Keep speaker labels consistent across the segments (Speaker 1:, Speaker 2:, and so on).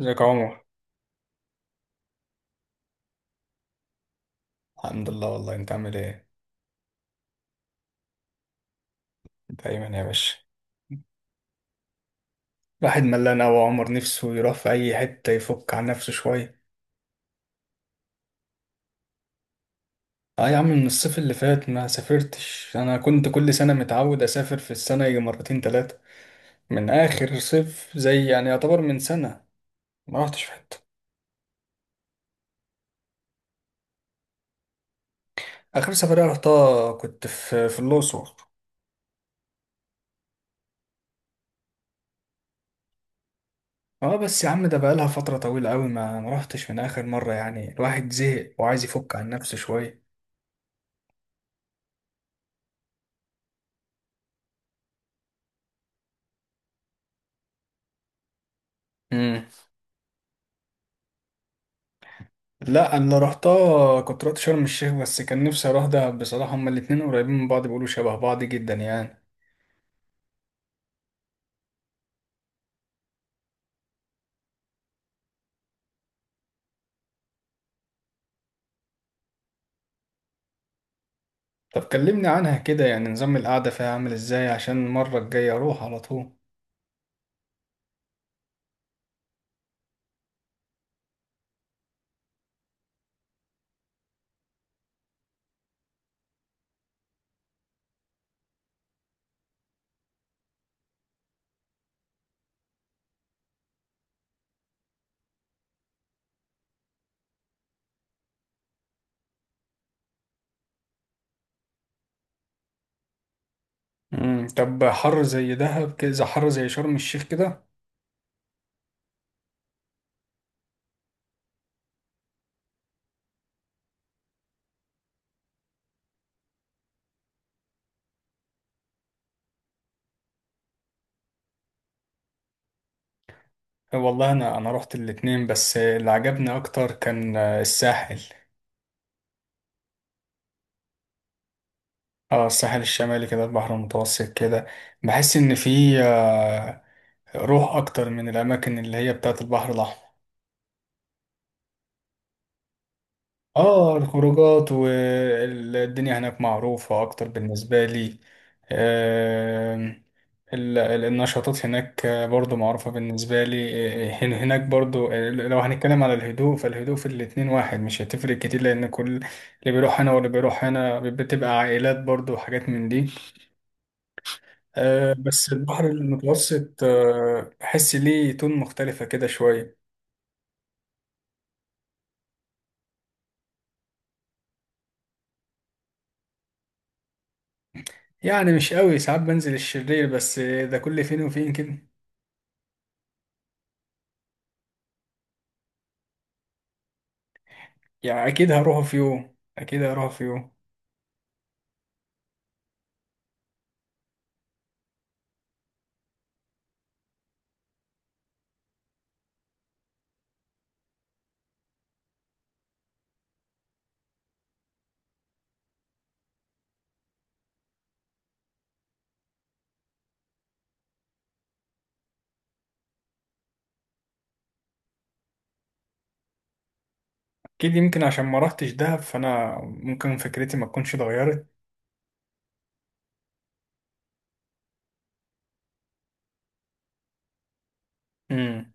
Speaker 1: ازيك يا عمر؟ الحمد لله، والله انت عامل ايه؟ دايما يا باشا. الواحد ملان أوي يا عمر، نفسه يروح في أي حتة يفك عن نفسه شوية. اه يا عم، من الصيف اللي فات ما سافرتش. أنا كنت كل سنة متعود أسافر في السنة يجي مرتين تلاتة. من آخر صيف زي يعني يعتبر من سنة ما رحتش في حتة. آخر سفرية رحتها كنت في الأقصر. اه بس يا عم، ده بقالها فترة طويلة أوي ما رحتش من آخر مرة، يعني الواحد زهق وعايز يفك عن نفسه شوية. لا انا رحتها، كنت رحت شرم الشيخ، بس كان نفسي اروح دهب بصراحه. هما الاتنين قريبين من بعض، بيقولوا شبه بعض جدا يعني. طب كلمني عنها كده، يعني نظام القعده فيها عامل ازاي عشان المره الجايه اروح على طول؟ طب حر زي دهب كده، حر زي شرم الشيخ كده؟ أه، والله انا رحت الاتنين، بس اللي عجبني اكتر كان الساحل. اه، الساحل الشمالي كده، البحر المتوسط كده. بحس ان فيه روح اكتر من الاماكن اللي هي بتاعت البحر الاحمر. اه، الخروجات والدنيا هناك معروفة اكتر بالنسبة لي. آم، النشاطات هناك برضو معروفة بالنسبة لي. هناك برضو. لو هنتكلم على الهدوء، فالهدوء في الاتنين واحد، مش هتفرق كتير، لان كل اللي بيروح هنا واللي بيروح هنا بتبقى عائلات برضو وحاجات من دي. بس البحر المتوسط بحس ليه تون مختلفة كده شوية. يعني مش قوي، ساعات بنزل الشرير، بس ده كل فين وفين كده. يعني اكيد هروح في يوم، اكيد هروح في يوم. اكيد، يمكن عشان ما رحتش دهب فانا ممكن فكرتي ما تكونش اتغيرت. امم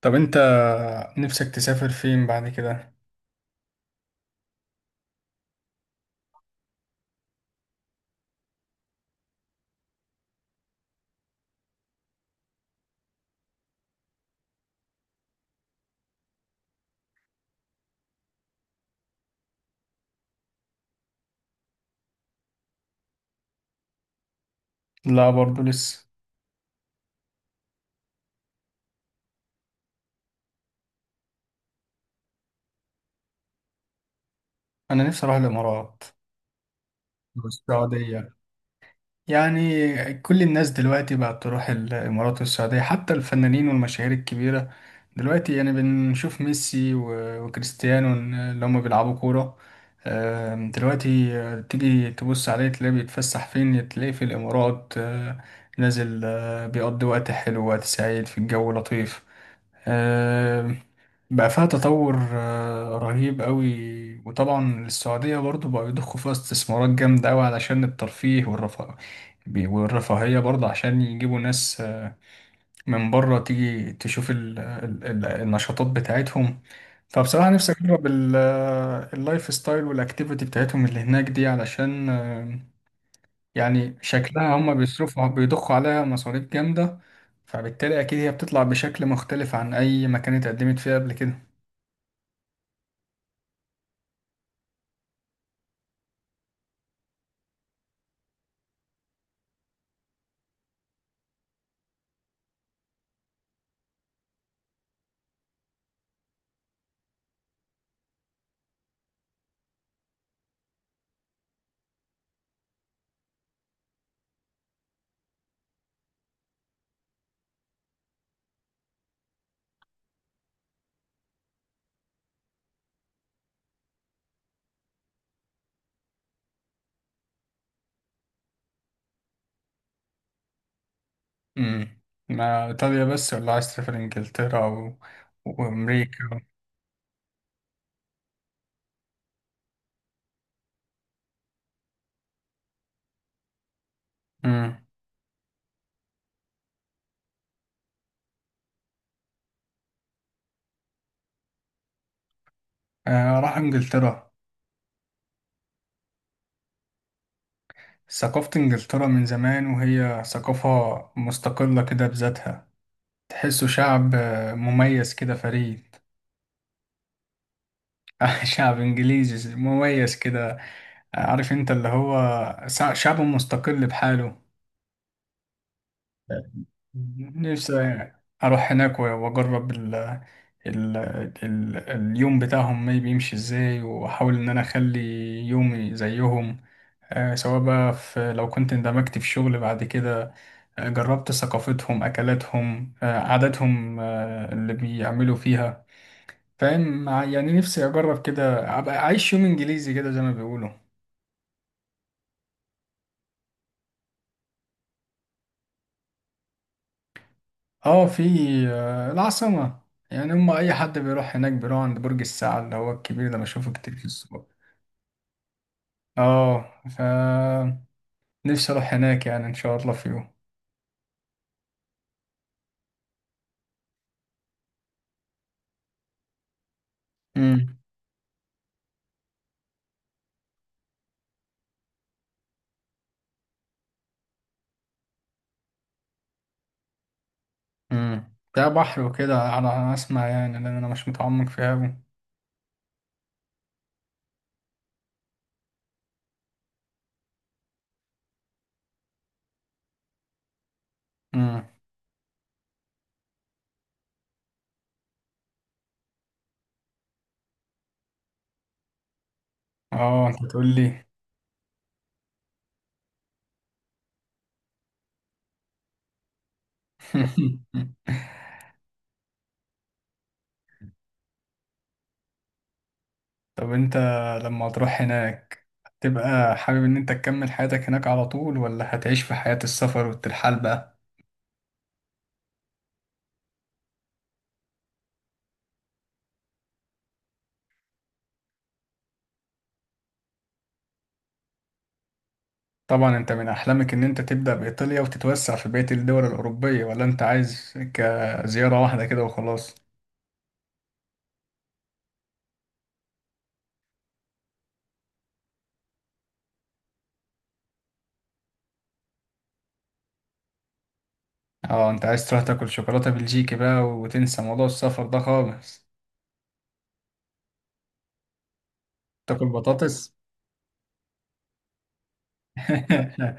Speaker 1: طب انت نفسك تسافر فين بعد كده؟ لا، برضو لسه. انا نفسي اروح الامارات والسعودية. يعني كل الناس دلوقتي بقت تروح الإمارات والسعودية، حتى الفنانين والمشاهير الكبيرة. دلوقتي يعني بنشوف ميسي و- وكريستيانو اللي هم بيلعبوا كورة. دلوقتي تيجي تبص عليه تلاقيه بيتفسح فين، تلاقيه في الإمارات، نازل، بيقضي وقت حلو، وقت سعيد، في الجو لطيف. آه، بقى فيها تطور رهيب قوي. وطبعا السعودية برضو بقوا يضخوا فيها استثمارات جامدة قوي علشان الترفيه والرفاه، والرفاهية برضه عشان يجيبوا ناس من بره تيجي تشوف ال النشاطات بتاعتهم. فبصراحة نفسي أجرب اللايف ستايل والأكتيفيتي بتاعتهم اللي هناك دي، علشان يعني شكلها هم بيصرفوا بيضخوا عليها مصاريف جامدة. فبالتالي أكيد هي بتطلع بشكل مختلف عن أي مكان اتقدمت فيه قبل كده. امم ما إيطاليا بس، ولا عايز تسافر إنجلترا و... وأمريكا؟ امم آه، راح إنجلترا. ثقافة إنجلترا من زمان، وهي ثقافة مستقلة كده بذاتها. تحسه شعب مميز كده، فريد. شعب إنجليزي مميز كده. عارف أنت اللي هو شعب مستقل بحاله. نفسي أروح هناك و- وأجرب ال ال اليوم بتاعهم ما بيمشي إزاي، وأحاول إن أنا أخلي يومي زيهم. سواء بقى في، لو كنت اندمجت في شغل بعد كده، جربت ثقافتهم، أكلاتهم، عاداتهم، اللي بيعملوا فيها. فاهم، يعني نفسي أجرب كده، أبقى أعيش يوم إنجليزي كده زي ما بيقولوا. اه، في العاصمة. يعني هم أي حد بيروح هناك بيروح عند برج الساعة اللي هو الكبير ده، بشوفه كتير في الصور. اه، نفسي أروح هناك يعني إن شاء الله في يوم. امم فيها بحر وكده على أنا أسمع، يعني لأن أنا مش متعمق فيها أوي. امم اه، أنت تقول لي. طب أنت لما تروح هناك هتبقى حابب إن أنت تكمل حياتك هناك على طول، ولا هتعيش في حياة السفر والترحال بقى؟ طبعا، انت من احلامك ان انت تبدأ بإيطاليا وتتوسع في بقية الدول الأوروبية، ولا انت عايز كزيارة واحدة كده وخلاص؟ اه، انت عايز تروح تاكل شوكولاتة بلجيكي بقى وتنسى موضوع السفر ده خالص؟ تاكل بطاطس.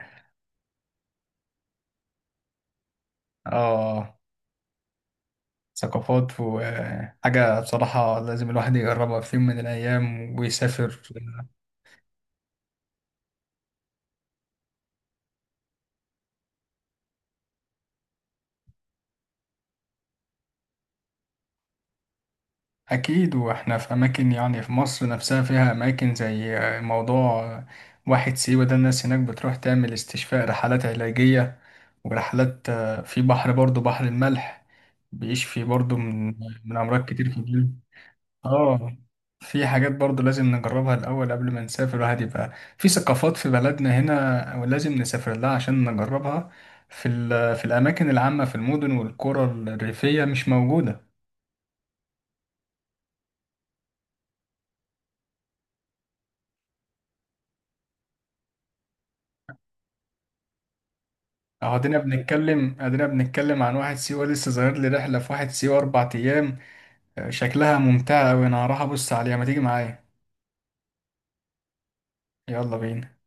Speaker 1: اه. ثقافات وحاجة بصراحة لازم الواحد يجربها في يوم من الأيام ويسافر. أكيد، وإحنا في أماكن، يعني في مصر نفسها فيها أماكن زي موضوع واحد سيوة ده. الناس هناك بتروح تعمل استشفاء، رحلات علاجية، ورحلات في بحر برضو، بحر الملح، بيشفي برضو من أمراض كتير في الجلد. آه في حاجات برضو لازم نجربها الأول قبل ما نسافر. الواحد يبقى في ثقافات في بلدنا هنا ولازم نسافر لها عشان نجربها. في الأماكن العامة في المدن والقرى الريفية مش موجودة. اهو ادينا بنتكلم، ادينا بنتكلم عن واحد سيوة، لسه ظاهر لي رحلة في واحد سيوة 4 أيام، شكلها ممتعة أوي. أنا هروح أبص عليها، ما تيجي معايا؟ يلا بينا.